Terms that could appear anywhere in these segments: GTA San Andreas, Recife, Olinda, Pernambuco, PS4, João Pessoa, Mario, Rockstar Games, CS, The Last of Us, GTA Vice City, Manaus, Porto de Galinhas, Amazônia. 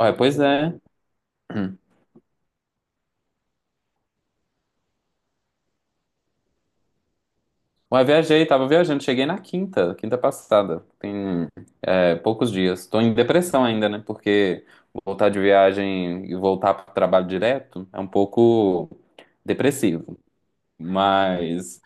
Ué, pois é. Hum. Ué, viajei, tava viajando, cheguei na quinta, quinta passada. Tem poucos dias. Tô em depressão ainda, né? Porque voltar de viagem e voltar pro trabalho direto é um pouco depressivo. Mas,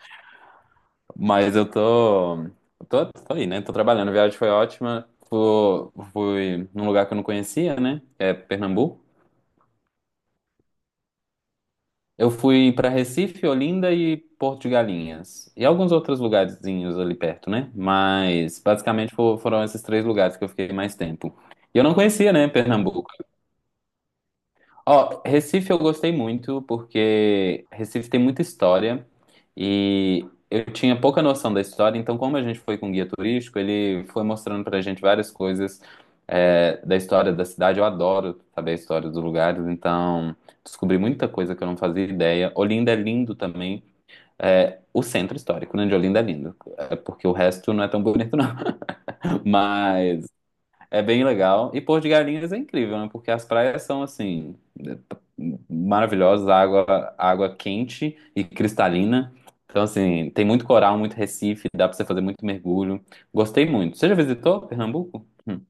mas eu tô aí, né? Tô trabalhando. A viagem foi ótima. Fui num lugar que eu não conhecia, né? É Pernambuco. Eu fui para Recife, Olinda e Porto de Galinhas. E alguns outros lugarzinhos ali perto, né? Mas basicamente foram esses três lugares que eu fiquei mais tempo. E eu não conhecia, né, Pernambuco. Ó, Recife eu gostei muito porque Recife tem muita história e eu tinha pouca noção da história, então como a gente foi com guia turístico, ele foi mostrando pra gente várias coisas, da história da cidade. Eu adoro saber a história dos lugares, então descobri muita coisa que eu não fazia ideia. Olinda é lindo também. É, o centro histórico, né, de Olinda é lindo, porque o resto não é tão bonito, não. Mas é bem legal. E Porto de Galinhas é incrível, né? Porque as praias são assim maravilhosas, água quente e cristalina. Então assim, tem muito coral, muito recife, dá pra você fazer muito mergulho. Gostei muito. Você já visitou Pernambuco? Hum.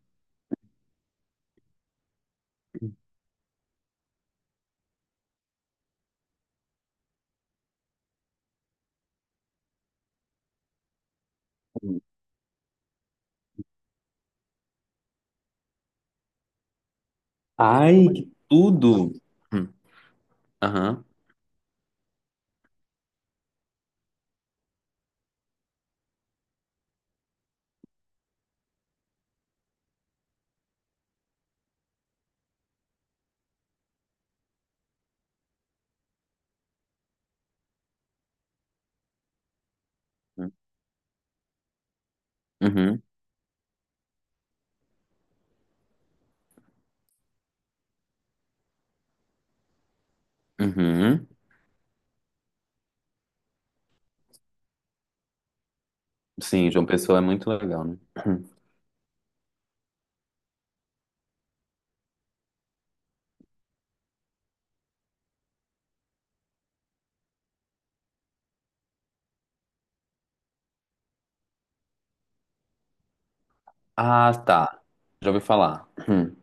Ai, que tudo! Hum. Aham. Uhum. Uhum. Sim, João Pessoa é muito legal, né? Hum. Ah, tá. Já ouvi falar. Hum.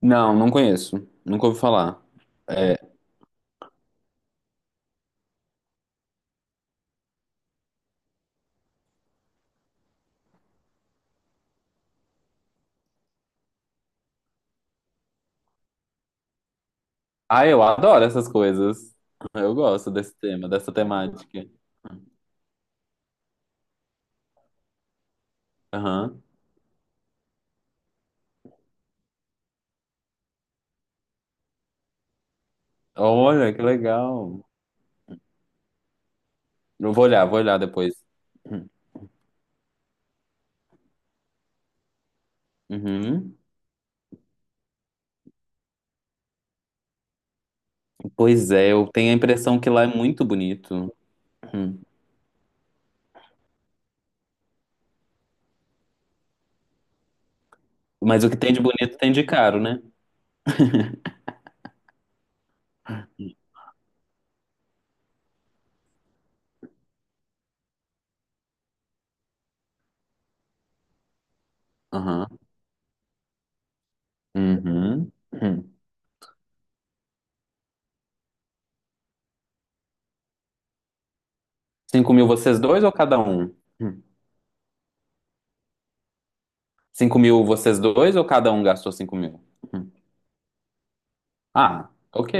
Não, não conheço. Nunca ouvi falar. É, Ah, eu adoro essas coisas. Eu gosto desse tema, dessa temática. Aham. Olha, que legal. Eu vou olhar depois. Uhum. Pois é, eu tenho a impressão que lá é muito bonito. Uhum. Mas o que tem de bonito tem de caro, né? Aham. Uhum. Uhum. 5 mil vocês dois ou cada um? Uhum. 5 mil vocês dois ou cada um gastou 5 mil? Uhum. Ah, ok.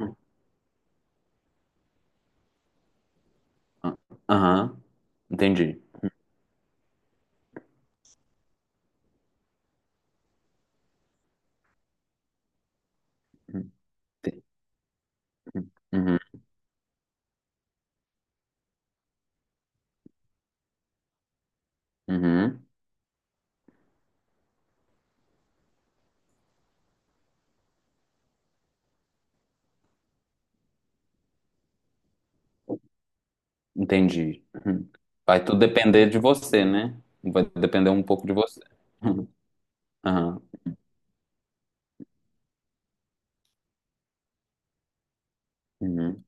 Uhum. Aham, entendi. Uhum. Uhum. Uhum. Entendi. Uhum. Vai tudo depender de você, né? Vai depender um pouco de você. Uhum. Aham. Uhum.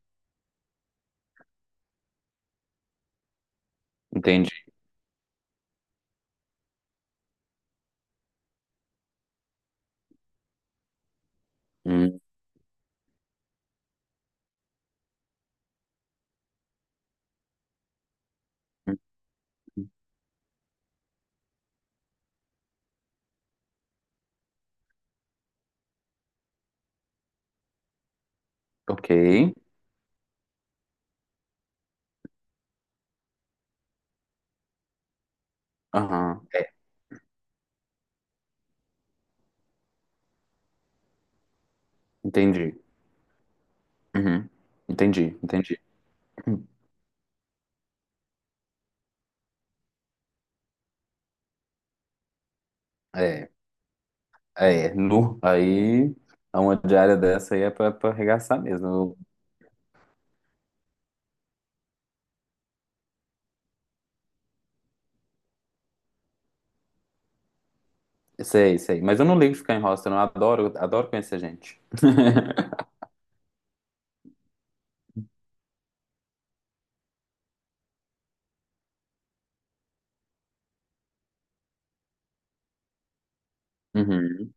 Entendi. Uhum. Ok. Aham. É. Entendi. Uhum. Entendi, entendi. Uhum. É, é, nu. Aí, a uma diária dessa aí é pra arregaçar mesmo. Eu sei, sei. Mas eu não ligo de ficar em hostel, não. Eu adoro, adoro conhecer gente. Uhum.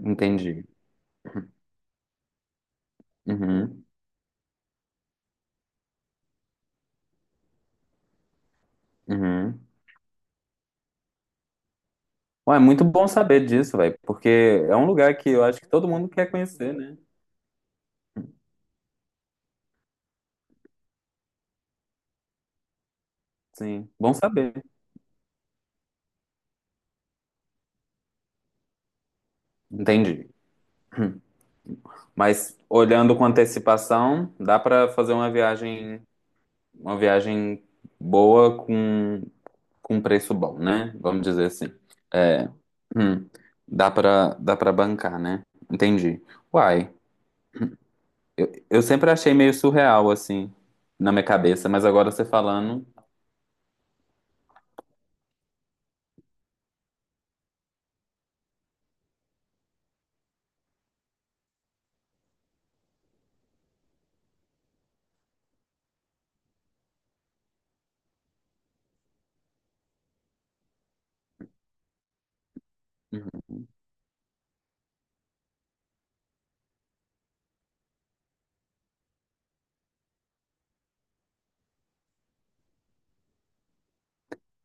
Entendi. Uhum. Uhum. Uhum. Ué, é muito bom saber disso, velho, porque é um lugar que eu acho que todo mundo quer conhecer, né? Sim, bom saber. Entendi. Mas olhando com antecipação, dá pra fazer uma viagem boa com preço bom, né? Vamos dizer assim. É, hum, dá para bancar, né? Entendi. Uai, eu sempre achei meio surreal assim na minha cabeça, mas agora você falando.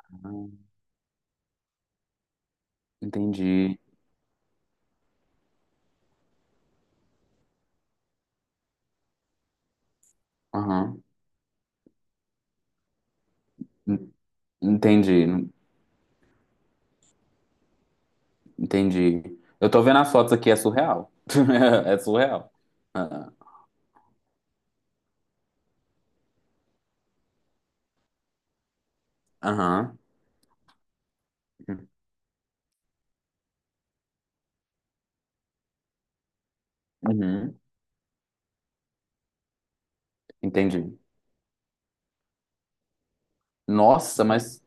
Uhum. entendi. Aham. En- Entendi. Entendi. Eu tô vendo as fotos aqui, é surreal. É surreal. Ah, aham. Uhum. Entendi. Nossa, mas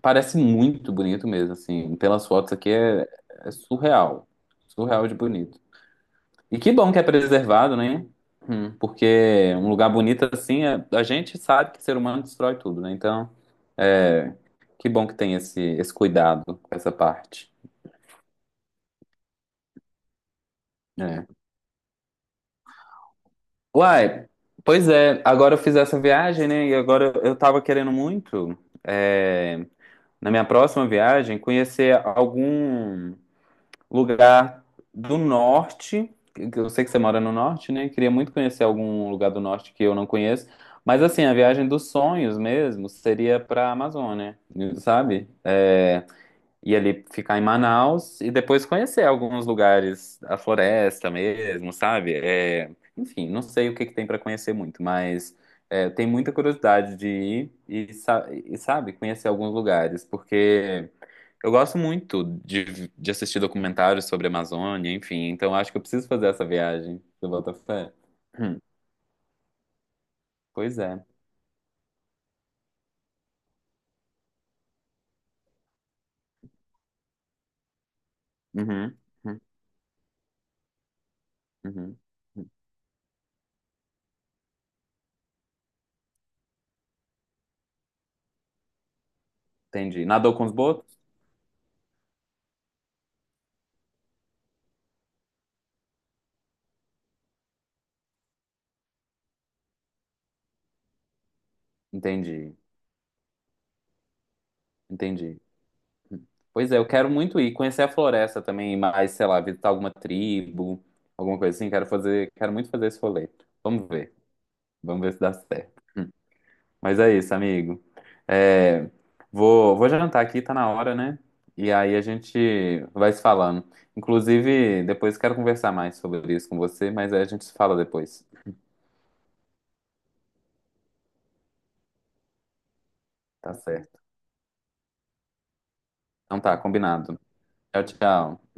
parece muito bonito mesmo, assim. Pelas fotos aqui é surreal. Surreal de bonito. E que bom que é preservado, né? Porque um lugar bonito assim, a gente sabe que o ser humano destrói tudo, né? Então, é que bom que tem esse cuidado com essa parte. É. Uai, pois é, agora eu fiz essa viagem, né? E agora eu tava querendo muito, é, na minha próxima viagem, conhecer algum lugar do norte. Que Eu sei que você mora no norte, né? Queria muito conhecer algum lugar do norte que eu não conheço. Mas assim, a viagem dos sonhos mesmo seria pra Amazônia, sabe? É, e ali ficar em Manaus e depois conhecer alguns lugares, a floresta mesmo, sabe? É, enfim, não sei o que que tem para conhecer muito, mas tem muita curiosidade de ir e, sabe, conhecer alguns lugares, porque eu gosto muito de assistir documentários sobre a Amazônia, enfim, então acho que eu preciso fazer essa viagem. Você bota fé? Hum, Pois é. Uhum, uhum, uhum. hum, Entendi. Nadou com os botos? Entendi, entendi. Pois é, eu quero muito ir conhecer a floresta também, mas sei lá, visitar alguma tribo, alguma coisa assim. Quero muito fazer esse rolê. Vamos ver, vamos ver se dá certo. Mas é isso, amigo. É, vou jantar aqui, tá na hora, né? E aí a gente vai se falando. Inclusive, depois quero conversar mais sobre isso com você, mas aí a gente se fala depois. Tá certo. Então tá, combinado. Tchau, tchau.